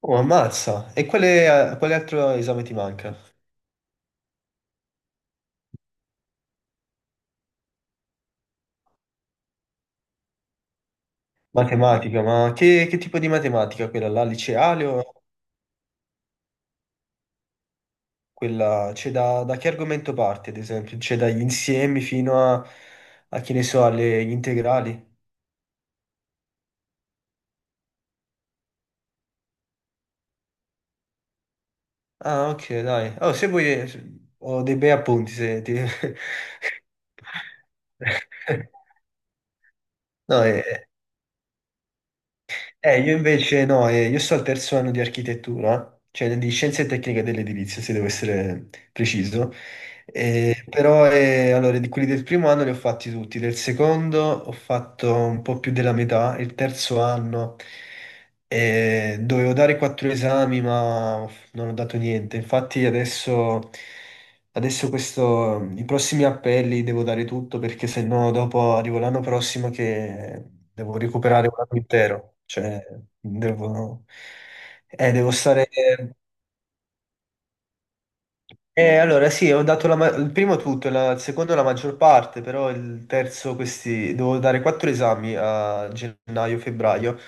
Oh, ammazza. E quale altro esame ti manca? Matematica, ma che tipo di matematica? Quella là, liceale o quella... C'è da che argomento parte, ad esempio? C'è dagli insiemi fino a, a che ne so, alle gli integrali? Ah, ok, dai. Oh, se vuoi, ho dei bei appunti, se ti... No, eh, io invece no, io sto al terzo anno di architettura, cioè di scienze tecniche dell'edilizia, se devo essere preciso. Però Allora, di quelli del primo anno li ho fatti tutti, del secondo ho fatto un po' più della metà, il terzo anno dovevo dare quattro esami ma non ho dato niente, infatti adesso questo, i prossimi appelli devo dare tutto perché se no dopo arrivo l'anno prossimo che devo recuperare un anno intero, cioè devo, devo stare, allora sì, ho dato la ma- il primo tutto, la- il secondo la maggior parte, però il terzo questi, dovevo dare quattro esami a gennaio-febbraio,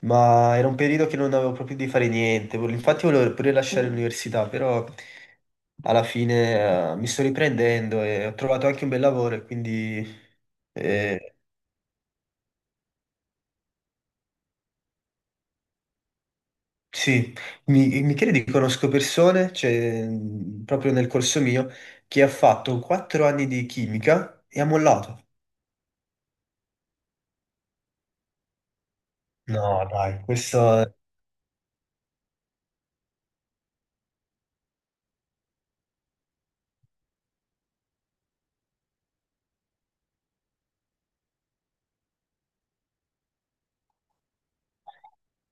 ma era un periodo che non avevo proprio di fare niente, vol- infatti volevo pure lasciare Mm. l'università, però alla fine mi sto riprendendo e ho trovato anche un bel lavoro e quindi eh, sì, mi credi che conosco persone, cioè, proprio nel corso mio, che ha fatto quattro anni di chimica e ha mollato. No, dai, questo,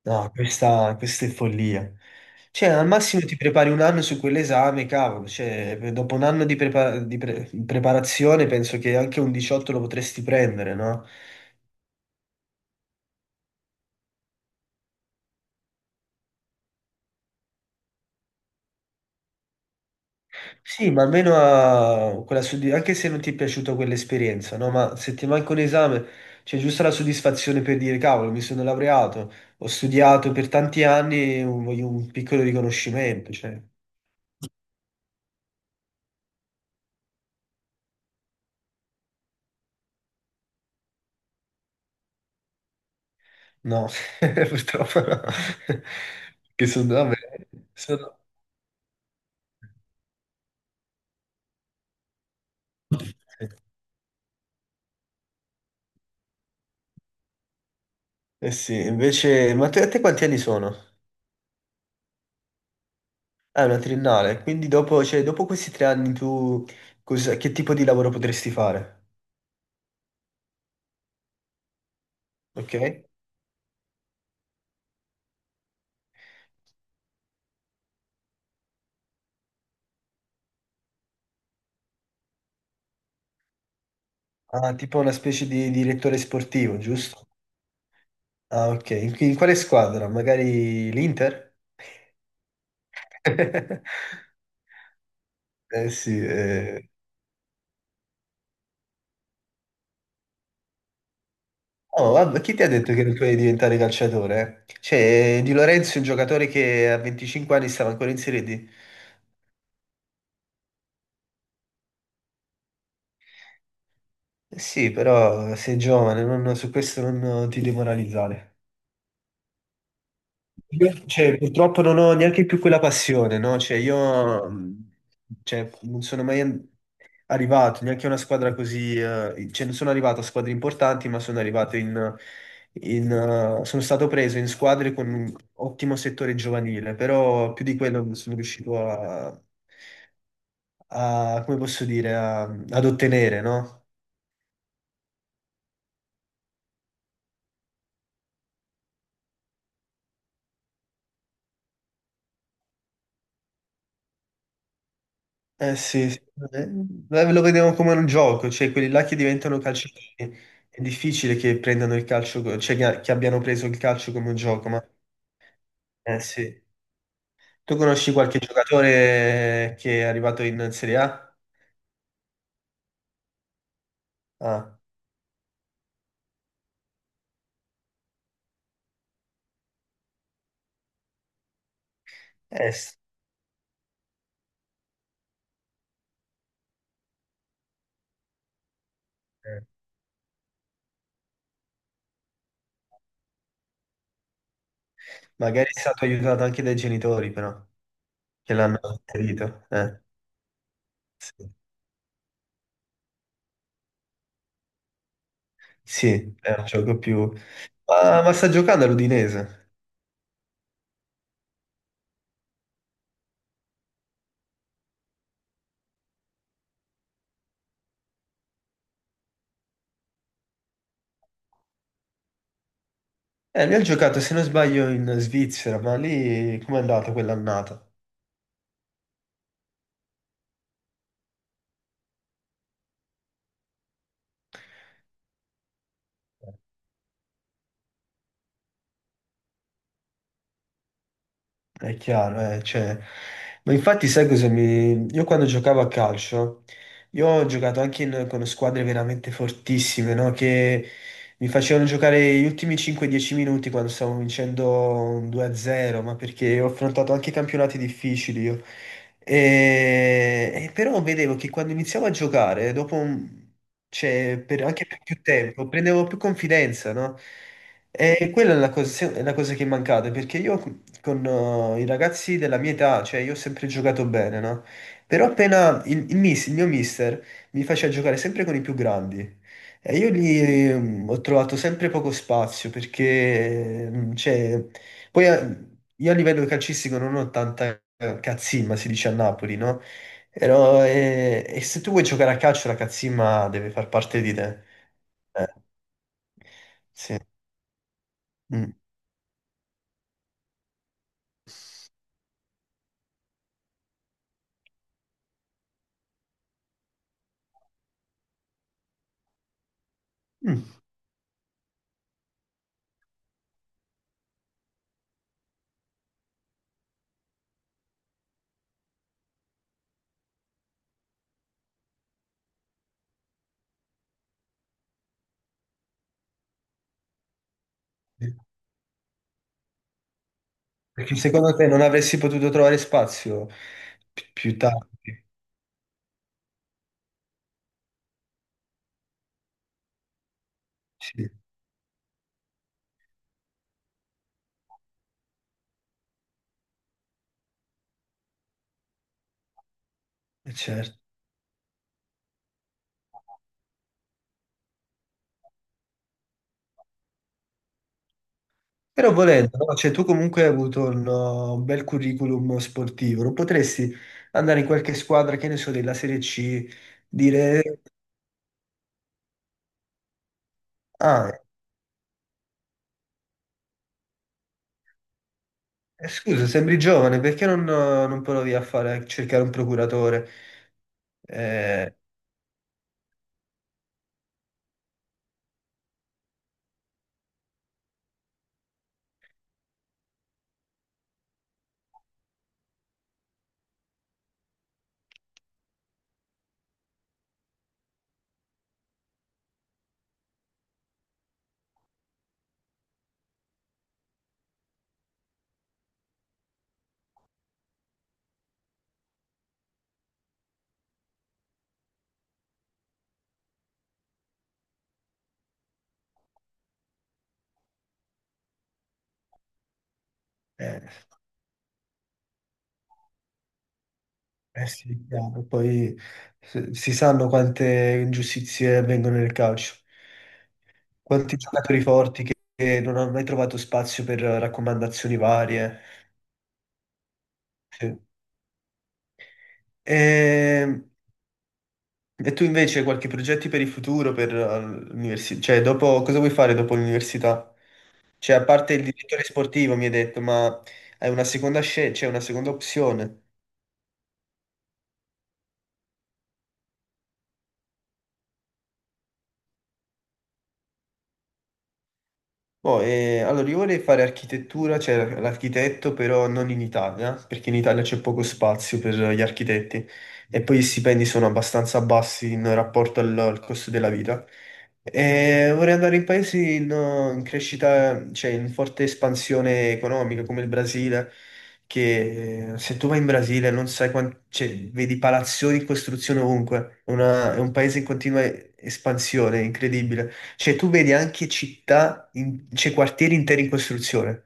no, questa è follia. Cioè, al massimo ti prepari un anno su quell'esame, cavolo. Cioè, dopo un anno di, prepa- di pre- preparazione penso che anche un 18 lo potresti prendere, no? Sì, ma almeno a quella soddisf- anche se non ti è piaciuta quell'esperienza, no? Ma se ti manca un esame, c'è giusto la soddisfazione per dire, cavolo, mi sono laureato, ho studiato per tanti anni, un- voglio un piccolo riconoscimento, cioè. No, purtroppo no. Che sono, vabbè, sono... Eh sì, invece, ma te- a te quanti anni sono? Ah, è una triennale, quindi dopo, cioè, dopo questi tre anni tu cosa- che tipo di lavoro potresti fare? Ok? Ah, tipo una specie di direttore sportivo, giusto? Ah, ok. In, in quale squadra? Magari l'Inter? Eh sì, eh. Oh, vabbè, chi ti ha detto che non puoi diventare calciatore? Cioè, Di Lorenzo è un giocatore che a 25 anni stava ancora in Serie D. Eh sì, però sei giovane, non- su questo non ti demoralizzare. Io, cioè, purtroppo non ho neanche più quella passione, no? Cioè, io cioè, non sono mai an- arrivato neanche a una squadra così, cioè, non sono arrivato a squadre importanti, ma sono arrivato in, sono stato preso in squadre con un ottimo settore giovanile, però più di quello non sono riuscito a, a- come posso dire, a- ad ottenere, no? Eh sì, sì. Beh, lo vediamo come un gioco, cioè quelli là che diventano calciatori, è difficile che prendano il calcio, co- cioè che abbiano preso il calcio come un gioco, ma eh sì. Tu conosci qualche giocatore che è arrivato in Serie A? Ah, sì. Eh, magari è stato aiutato anche dai genitori, però, che l'hanno inserito. Sì. Sì, è un gioco più... ma sta giocando all'Udinese. Lui ha giocato, se non sbaglio, in Svizzera, ma lì com'è andata quell'annata? È chiaro, cioè, ma infatti sai cosa mi... Io quando giocavo a calcio, io ho giocato anche in- con squadre veramente fortissime, no? Che mi facevano giocare gli ultimi 5-10 minuti quando stavamo vincendo un 2-0, ma perché ho affrontato anche campionati difficili io. E però vedevo che quando iniziavo a giocare, dopo un- cioè, per- anche per più tempo, prendevo più confidenza, no? E quella è la cosa che è mancata, perché io con i ragazzi della mia età, cioè io ho sempre giocato bene, no? Però appena il miss- il mio mister mi faceva giocare sempre con i più grandi e io lì ho trovato sempre poco spazio perché, cioè, poi io a livello calcistico non ho tanta cazzimma, si dice a Napoli, no? Però, e se tu vuoi giocare a calcio la cazzimma deve far parte di te. Eh, sì. Mm. Mm. Perché secondo te non avresti potuto trovare spazio pi- più tardi? Sì, certo. Però volendo, no? Cioè, tu comunque hai avuto un bel curriculum sportivo, non potresti andare in qualche squadra, che ne so, della Serie C, dire, ah, scusa, sembri giovane, perché non, non provi a fare, a cercare un procuratore? Eh, eh, eh sì, chiaro. Poi se- si sanno quante ingiustizie avvengono nel calcio. Quanti giocatori forti che non hanno mai trovato spazio per raccomandazioni varie. Sì. E, e tu invece qualche progetti per il futuro, per l'università? Cioè, dopo, cosa vuoi fare dopo l'università? Cioè, a parte il direttore sportivo, mi hai detto, ma hai una seconda scelta, c'è una seconda opzione. Boh, allora, io vorrei fare architettura, cioè l'architetto, però non in Italia, perché in Italia c'è poco spazio per gli architetti e poi i stipendi sono abbastanza bassi in rapporto al costo della vita. E vorrei andare in paesi in, in crescita, cioè in forte espansione economica, come il Brasile, che se tu vai in Brasile non sai quanti, cioè, vedi palazzoni in costruzione ovunque. È una- è un paese in continua espansione, incredibile. Cioè, tu vedi anche città, in- cioè quartieri interi in costruzione.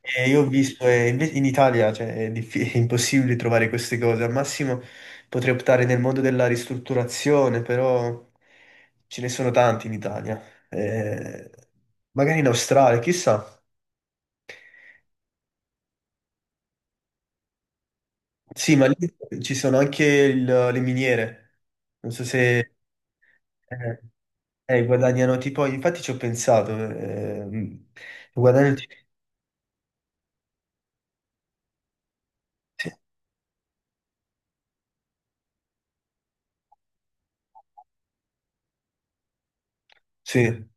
E io ho visto, e inve- in Italia, cioè, è, diffi- è impossibile trovare queste cose. Al massimo potrei optare nel mondo della ristrutturazione, però ce ne sono tanti in Italia. Eh, magari in Australia, chissà. Sì, ma lì ci sono anche il- le miniere. Non so se eh, guadagnano tipo, infatti ci ho pensato, guadagnano sì. Sì.